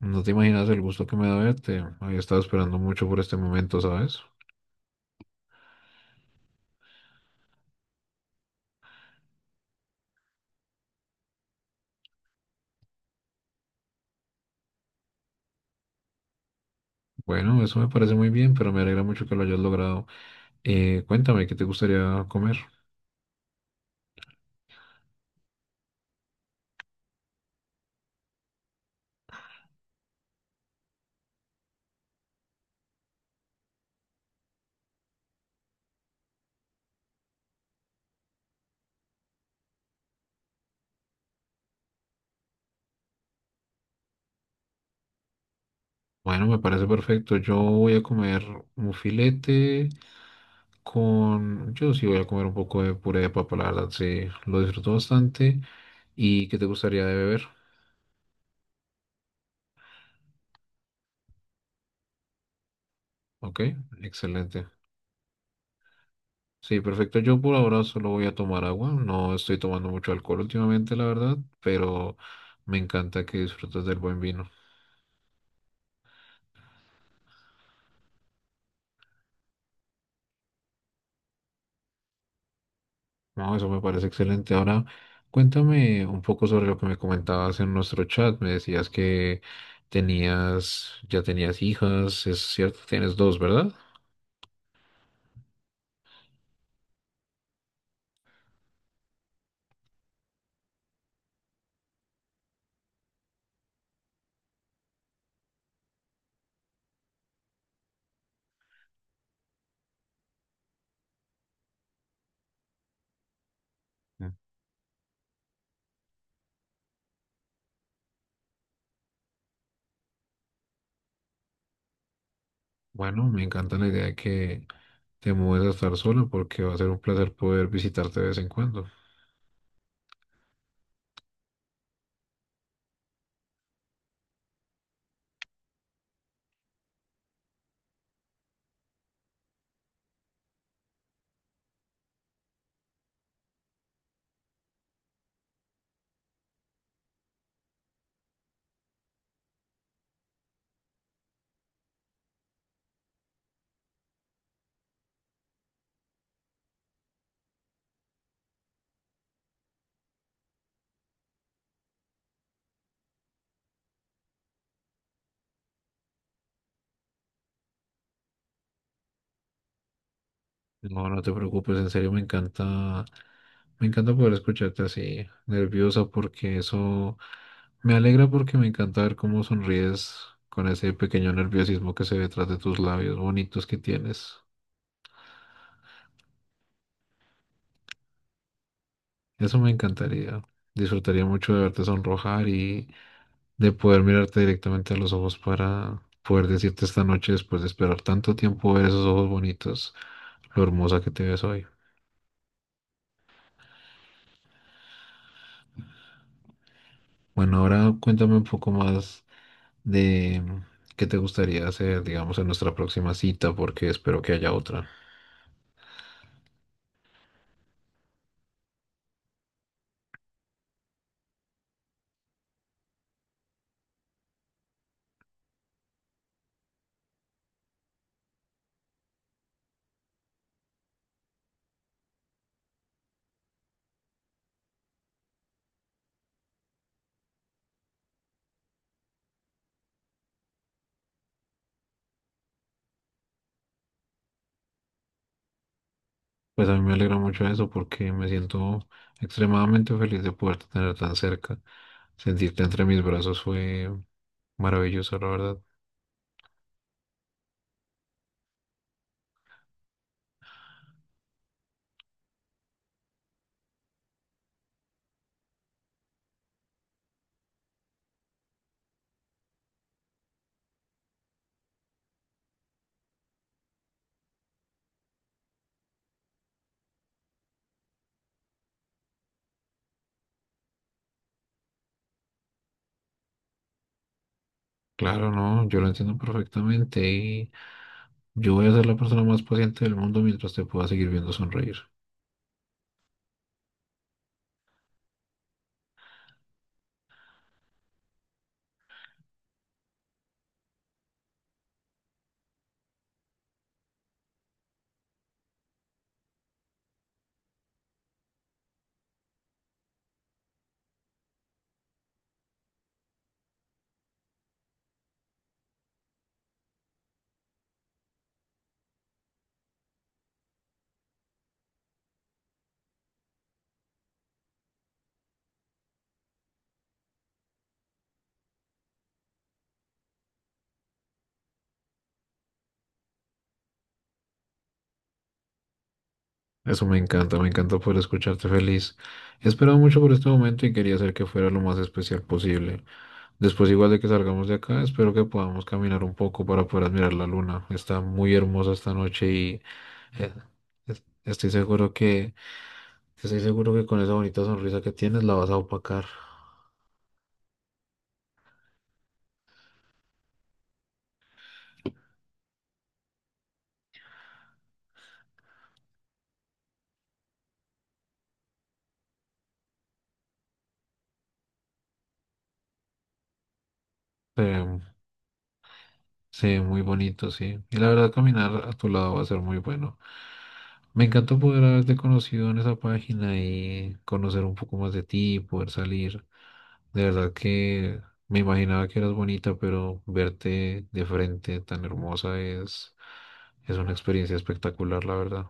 No te imaginas el gusto que me da verte. Había estado esperando mucho por este momento, ¿sabes? Bueno, eso me parece muy bien, pero me alegra mucho que lo hayas logrado. Cuéntame, ¿qué te gustaría comer? Bueno, me parece perfecto. Yo voy a comer un filete con... Yo sí voy a comer un poco de puré de papa, la verdad, sí. Lo disfruto bastante. ¿Y qué te gustaría de beber? Ok, excelente. Sí, perfecto. Yo por ahora solo voy a tomar agua. No estoy tomando mucho alcohol últimamente, la verdad, pero me encanta que disfrutes del buen vino. No, eso me parece excelente. Ahora, cuéntame un poco sobre lo que me comentabas en nuestro chat. Me decías que ya tenías hijas, es cierto, tienes dos, ¿verdad? Mm. Bueno, me encanta la idea de que te mudes a estar sola porque va a ser un placer poder visitarte de vez en cuando. No, no te preocupes, en serio me encanta poder escucharte así, nerviosa, porque eso me alegra porque me encanta ver cómo sonríes con ese pequeño nerviosismo que se ve detrás de tus labios bonitos que tienes. Eso me encantaría. Disfrutaría mucho de verte sonrojar y de poder mirarte directamente a los ojos para poder decirte esta noche, después de esperar tanto tiempo ver esos ojos bonitos, lo hermosa que te ves hoy. Bueno, ahora cuéntame un poco más de qué te gustaría hacer, digamos, en nuestra próxima cita, porque espero que haya otra. Pues a mí me alegra mucho eso porque me siento extremadamente feliz de poderte tener tan cerca. Sentirte entre mis brazos fue maravilloso, la verdad. Claro, no, yo lo entiendo perfectamente y yo voy a ser la persona más paciente del mundo mientras te pueda seguir viendo sonreír. Eso me encanta poder escucharte feliz. He esperado mucho por este momento y quería hacer que fuera lo más especial posible. Después, igual de que salgamos de acá, espero que podamos caminar un poco para poder admirar la luna. Está muy hermosa esta noche y eh, es- estoy seguro que estoy seguro que con esa bonita sonrisa que tienes la vas a opacar. Eh, sí, muy bonito, sí. Y la verdad, caminar a tu lado va a ser muy bueno. Me encantó poder haberte conocido en esa página y conocer un poco más de ti, poder salir. De verdad que me imaginaba que eras bonita, pero verte de frente tan hermosa es una experiencia espectacular, la verdad.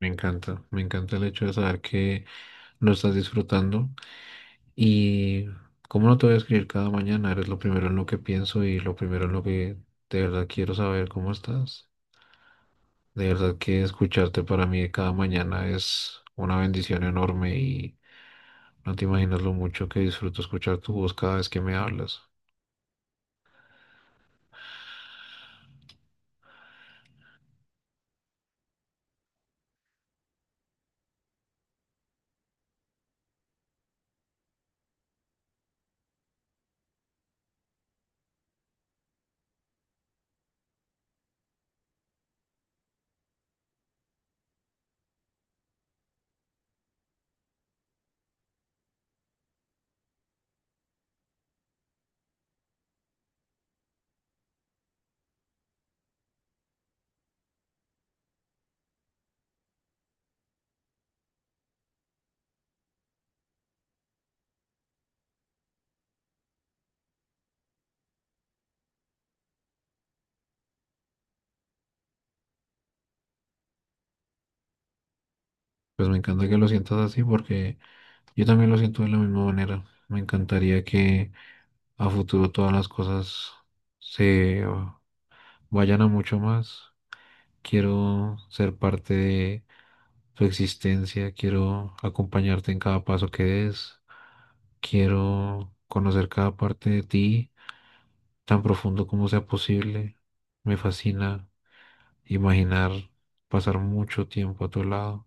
Me encanta el hecho de saber que lo estás disfrutando y cómo no te voy a escribir cada mañana, eres lo primero en lo que pienso y lo primero en lo que de verdad quiero saber cómo estás. De verdad que escucharte para mí cada mañana es una bendición enorme y no te imaginas lo mucho que disfruto escuchar tu voz cada vez que me hablas. Pues me encanta que lo sientas así porque yo también lo siento de la misma manera. Me encantaría que a futuro todas las cosas se vayan a mucho más. Quiero ser parte de tu existencia, quiero acompañarte en cada paso que des, quiero conocer cada parte de ti tan profundo como sea posible. Me fascina imaginar pasar mucho tiempo a tu lado.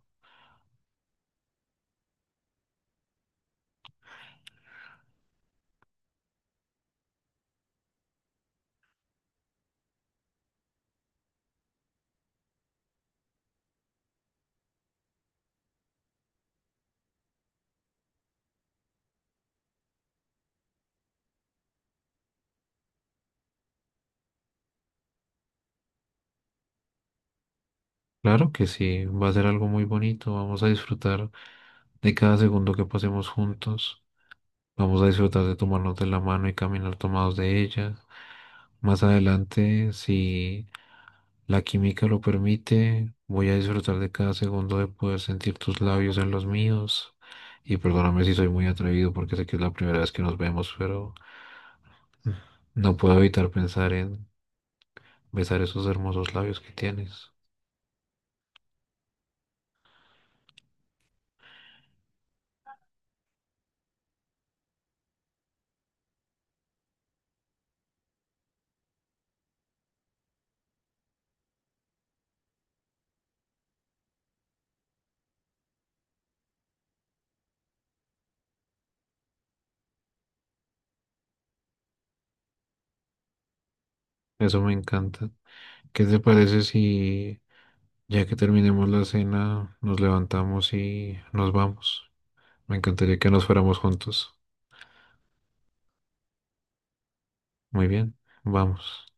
Claro que sí, va a ser algo muy bonito, vamos a disfrutar de cada segundo que pasemos juntos, vamos a disfrutar de tomarnos de la mano y caminar tomados de ella. Más adelante, si la química lo permite, voy a disfrutar de cada segundo de poder sentir tus labios en los míos. Y perdóname si soy muy atrevido porque sé que es la primera vez que nos vemos, pero no puedo evitar pensar en besar esos hermosos labios que tienes. Eso me encanta. ¿Qué te parece si, ya que terminemos la cena, nos levantamos y nos vamos? Me encantaría que nos fuéramos juntos. Muy bien, vamos.